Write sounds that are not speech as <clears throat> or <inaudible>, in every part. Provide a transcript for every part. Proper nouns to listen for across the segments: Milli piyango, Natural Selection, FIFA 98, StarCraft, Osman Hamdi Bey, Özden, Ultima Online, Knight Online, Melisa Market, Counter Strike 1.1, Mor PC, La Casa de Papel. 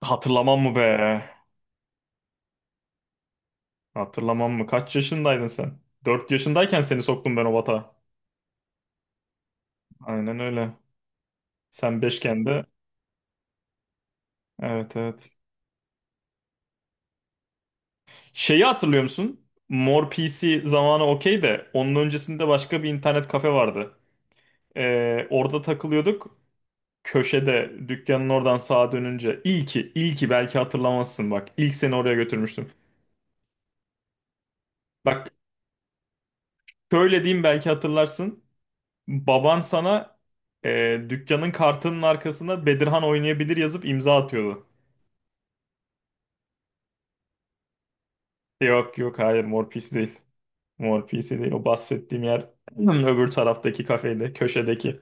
Hatırlamam mı be? Hatırlamam mı? Kaç yaşındaydın sen? 4 yaşındayken seni soktum ben o batağa. Aynen öyle. Sen beşken de. Evet, evet. Şeyi hatırlıyor musun? Mor PC zamanı okey de onun öncesinde başka bir internet kafe vardı. Orada takılıyorduk. Köşede dükkanın oradan sağa dönünce ilki belki hatırlamazsın bak. İlk seni oraya götürmüştüm. Bak şöyle diyeyim belki hatırlarsın. Baban sana dükkanın kartının arkasına Bedirhan oynayabilir yazıp imza atıyordu. Yok, yok, hayır Mor Pis değil. Mor Pis'i değil. O bahsettiğim yer <clears throat> öbür taraftaki kafede, köşedeki.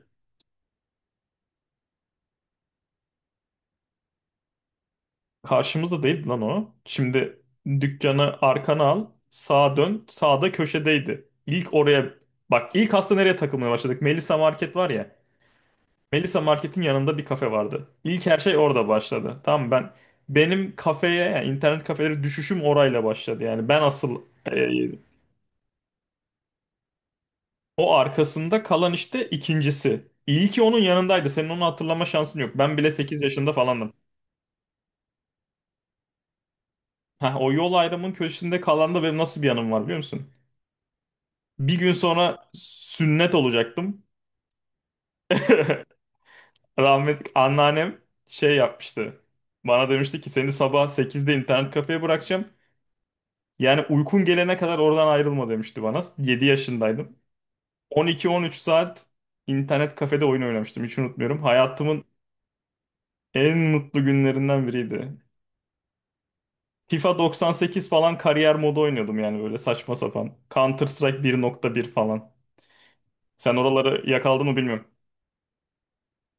Karşımızda değildi lan o. Şimdi dükkanı arkana al, sağa dön. Sağda köşedeydi. İlk oraya bak ilk aslında nereye takılmaya başladık? Melisa Market var ya. Melisa Market'in yanında bir kafe vardı. İlk her şey orada başladı. Tamam, benim kafeye yani internet kafeleri düşüşüm orayla başladı. Yani e, o arkasında kalan işte ikincisi. İlki onun yanındaydı. Senin onu hatırlama şansın yok. Ben bile 8 yaşında falandım. Heh, o yol ayrımının köşesinde kalan da benim nasıl bir anım var biliyor musun? Bir gün sonra sünnet olacaktım. <laughs> Rahmetli anneannem şey yapmıştı. Bana demişti ki seni sabah sekizde internet kafeye bırakacağım. Yani uykun gelene kadar oradan ayrılma demişti bana. 7 yaşındaydım. 12-13 saat internet kafede oyun oynamıştım. Hiç unutmuyorum. Hayatımın en mutlu günlerinden biriydi. FIFA 98 falan kariyer modu oynuyordum yani böyle saçma sapan. Counter Strike 1.1 falan. Sen oraları yakaldın mı bilmiyorum.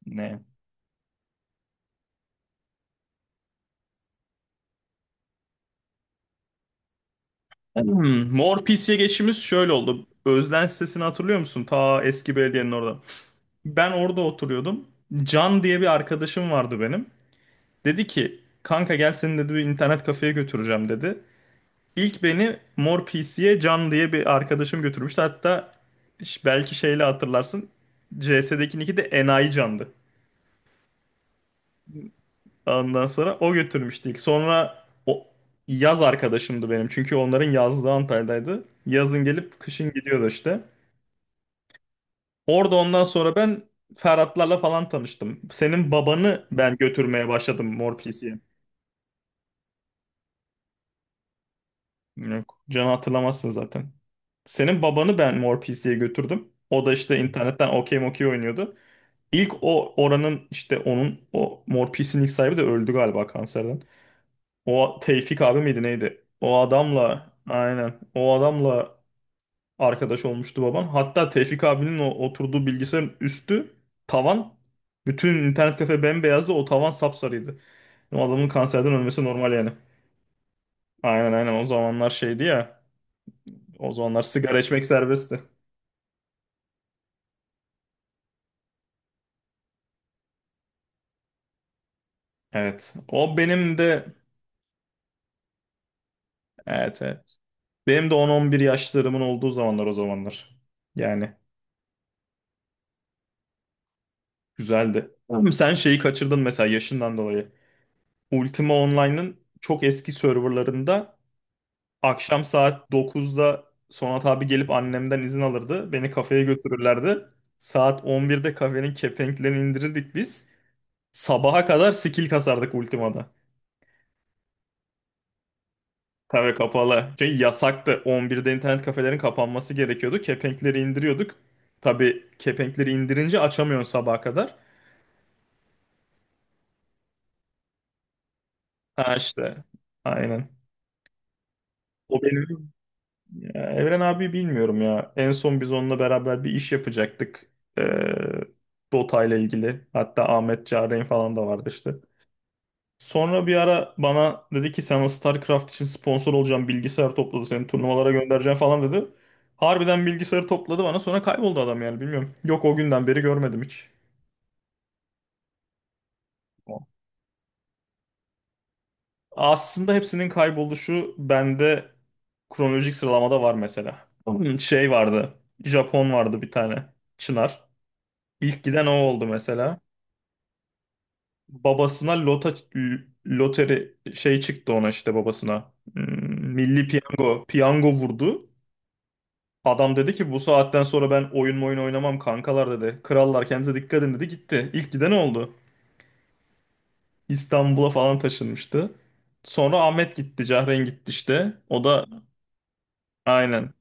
Ne? Mor PC'ye geçişimiz şöyle oldu. Özden sitesini hatırlıyor musun? Ta eski belediyenin orada. Ben orada oturuyordum. Can diye bir arkadaşım vardı benim. Dedi ki kanka gel seni dedi bir internet kafeye götüreceğim dedi. İlk beni Mor PC'ye Can diye bir arkadaşım götürmüştü. Hatta belki şeyle hatırlarsın CS'deki nick'i de Enayi Can'dı. Ondan sonra o götürmüştü ilk. Sonra o yaz arkadaşımdı benim. Çünkü onların yazlığı Antalya'daydı. Yazın gelip kışın gidiyordu işte. Orada ondan sonra ben Ferhatlarla falan tanıştım. Senin babanı ben götürmeye başladım Mor PC'ye. Yok. Can'ı hatırlamazsın zaten. Senin babanı ben Mor PC'ye götürdüm. O da işte internetten okey mokey oynuyordu. İlk o oranın işte onun o Mor PC'nin ilk sahibi de öldü galiba kanserden. O Tevfik abi miydi neydi? O adamla aynen o adamla arkadaş olmuştu babam. Hatta Tevfik abinin o oturduğu bilgisayarın üstü tavan bütün internet kafe bembeyazdı o tavan sapsarıydı. O adamın kanserden ölmesi normal yani. Aynen, aynen, o zamanlar şeydi ya. O zamanlar sigara içmek serbestti. Evet. O benim de. Evet, evet. Benim de 10-11 yaşlarımın olduğu zamanlar o zamanlar. Yani güzeldi. Ama sen şeyi kaçırdın mesela yaşından dolayı. Ultima Online'ın çok eski serverlarında akşam saat 9'da Sonat abi gelip annemden izin alırdı. Beni kafeye götürürlerdi. Saat 11'de kafenin kepenklerini indirirdik biz. Sabaha kadar skill kasardık Ultima'da. Tabii kapalı. Çünkü yasaktı. 11'de internet kafelerin kapanması gerekiyordu. Kepenkleri indiriyorduk. Tabii kepenkleri indirince açamıyorsun sabaha kadar. Ha, işte. Aynen. O benim. Ya, Evren abi bilmiyorum ya. En son biz onunla beraber bir iş yapacaktık. Ee, Dota ile ilgili. Hatta Ahmet Çağrı'nın falan da vardı işte. Sonra bir ara bana dedi ki sana StarCraft için sponsor olacağım bilgisayar topladı seni turnuvalara göndereceğim falan dedi. Harbiden bilgisayarı topladı bana sonra kayboldu adam yani bilmiyorum. Yok, o günden beri görmedim hiç. Aslında hepsinin kayboluşu bende kronolojik sıralamada var mesela. Şey vardı. Japon vardı bir tane. Çınar. İlk giden o oldu mesela. Babasına loteri şey çıktı ona işte babasına. Milli piyango. Piyango vurdu. Adam dedi ki bu saatten sonra ben oyun oynamam kankalar dedi. Krallar kendinize dikkat edin dedi gitti. İlk giden oldu. İstanbul'a falan taşınmıştı. Sonra Ahmet gitti, Cahren gitti işte. O da aynen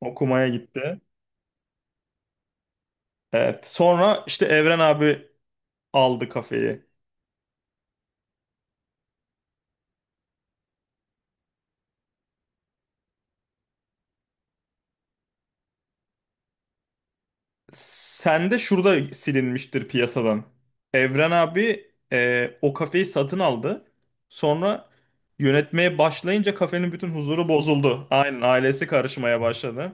okumaya gitti. Evet. Sonra işte Evren abi aldı kafeyi. Sen de şurada silinmiştir piyasadan. Evren abi o kafeyi satın aldı. Sonra yönetmeye başlayınca kafenin bütün huzuru bozuldu. Aynen, ailesi karışmaya başladı.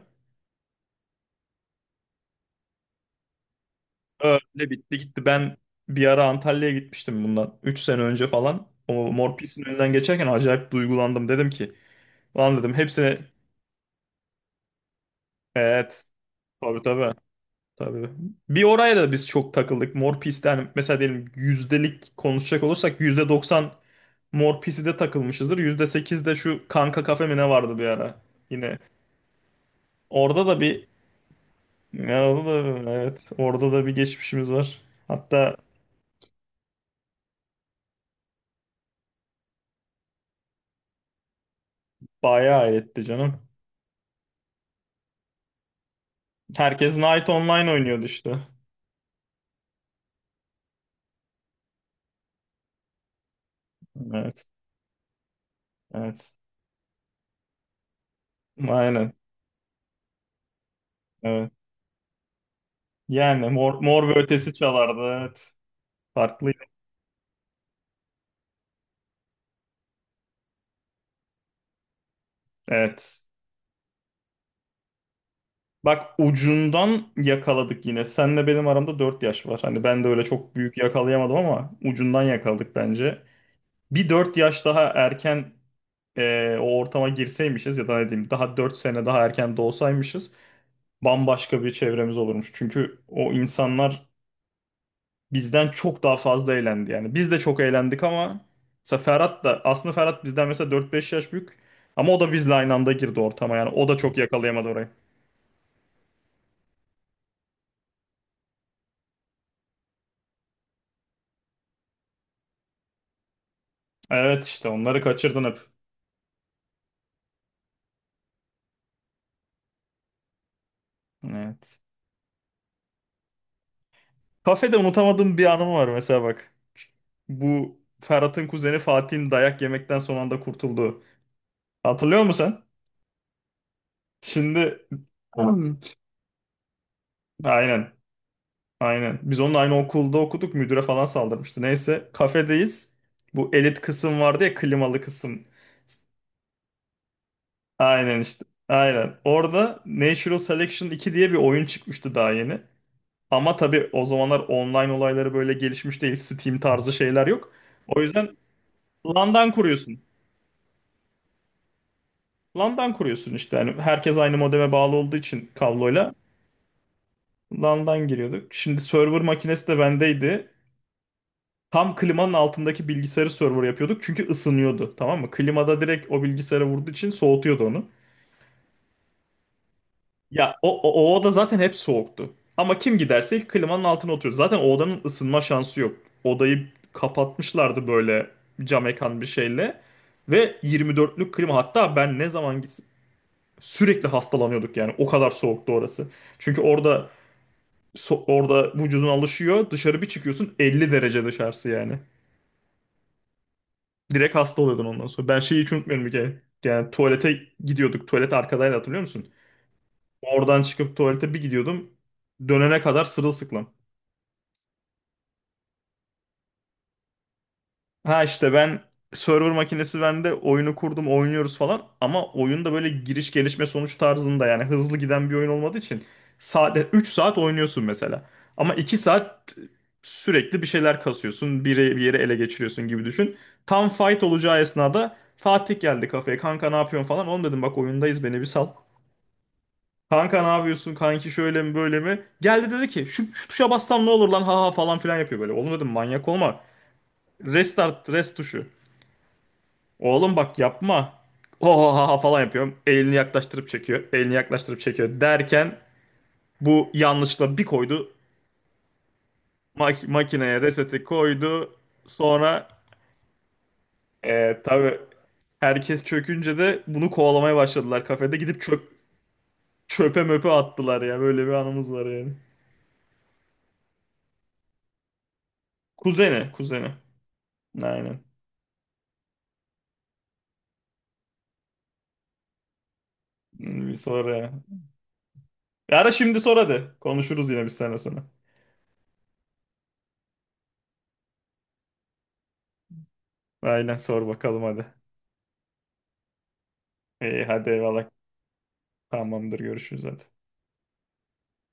Öyle bitti gitti. Ben bir ara Antalya'ya gitmiştim bundan. 3 sene önce falan. O Mor Pis'in önünden geçerken acayip duygulandım. Dedim ki lan dedim hepsini, evet, tabii, tabii. Tabii. Bir oraya da biz çok takıldık. Mor Pis'ten mesela diyelim yüzdelik konuşacak olursak %90 Mor Pis'i de takılmışızdır. %8 de şu Kanka Kafe mi ne vardı bir ara. Yine orada da bir ya, orada da, evet, orada da bir geçmişimiz var. Hatta bayağı etti canım. Herkes Knight Online oynuyordu işte. Evet. Evet. Aynen. Evet. Yani Mor ve Ötesi çalardı. Evet. Farklı. Evet. Bak ucundan yakaladık yine. Senle benim aramda 4 yaş var. Hani ben de öyle çok büyük yakalayamadım ama ucundan yakaladık bence. Bir 4 yaş daha erken o ortama girseymişiz ya da ne diyeyim daha 4 sene daha erken doğsaymışız bambaşka bir çevremiz olurmuş. Çünkü o insanlar bizden çok daha fazla eğlendi yani. Biz de çok eğlendik ama mesela Ferhat da aslında Ferhat bizden mesela 4-5 yaş büyük ama o da bizle aynı anda girdi ortama yani o da çok yakalayamadı orayı. Evet, işte onları kaçırdın hep. Evet. Kafede unutamadığım bir anım var mesela bak. Bu Ferhat'ın kuzeni Fatih'in dayak yemekten son anda kurtulduğu. Hatırlıyor musun sen? Şimdi. Hmm. Aynen, aynen. Biz onunla aynı okulda okuduk müdüre falan saldırmıştı. Neyse kafedeyiz. Bu elit kısım vardı ya klimalı kısım. Aynen işte. Aynen. Orada Natural Selection 2 diye bir oyun çıkmıştı daha yeni. Ama tabii o zamanlar online olayları böyle gelişmiş değil. Steam tarzı şeyler yok. O yüzden LAN'dan kuruyorsun. LAN'dan kuruyorsun işte. Yani herkes aynı modeme bağlı olduğu için kabloyla LAN'dan giriyorduk. Şimdi server makinesi de bendeydi. Tam klimanın altındaki bilgisayarı server yapıyorduk. Çünkü ısınıyordu. Tamam mı? Klimada direkt o bilgisayara vurduğu için soğutuyordu onu. Ya o oda zaten hep soğuktu. Ama kim giderse ilk klimanın altına oturuyor. Zaten o odanın ısınma şansı yok. Odayı kapatmışlardı böyle cam ekan bir şeyle. Ve 24'lük klima hatta ben ne zaman gitsem sürekli hastalanıyorduk yani. O kadar soğuktu orası. Çünkü orada orada vücudun alışıyor. Dışarı bir çıkıyorsun 50 derece dışarısı yani. Direkt hasta oluyordun ondan sonra. Ben şeyi hiç unutmuyorum bir kere. Yani tuvalete gidiyorduk. Tuvalet arkadaydı hatırlıyor musun? Oradan çıkıp tuvalete bir gidiyordum. Dönene kadar sırılsıklam. Ha, işte ben server makinesi bende oyunu kurdum oynuyoruz falan ama oyunda böyle giriş gelişme sonuç tarzında yani hızlı giden bir oyun olmadığı için sade 3 saat oynuyorsun mesela. Ama 2 saat sürekli bir şeyler kasıyorsun biri bir yere ele geçiriyorsun gibi düşün. Tam fight olacağı esnada Fatih geldi kafeye kanka ne yapıyorsun falan oğlum dedim bak oyundayız beni bir sal. Kanka ne yapıyorsun kanki şöyle mi böyle mi? Geldi dedi ki şu tuşa bassam ne olur lan ha ha falan filan yapıyor böyle. Oğlum dedim manyak olma. Restart tuşu. Oğlum bak yapma. Oha falan yapıyorum. Elini yaklaştırıp çekiyor. Elini yaklaştırıp çekiyor derken bu yanlışla bir koydu. Makineye reseti koydu. Sonra tabii herkes çökünce de bunu kovalamaya başladılar kafede. Gidip çöpe möpe attılar ya. Böyle bir anımız var yani. Kuzeni, kuzeni. Aynen. Bir sonra ya. Ara şimdi sor hadi. Konuşuruz yine bir sene sonra. Aynen sor bakalım hadi. İyi hadi eyvallah. Tamamdır görüşürüz hadi.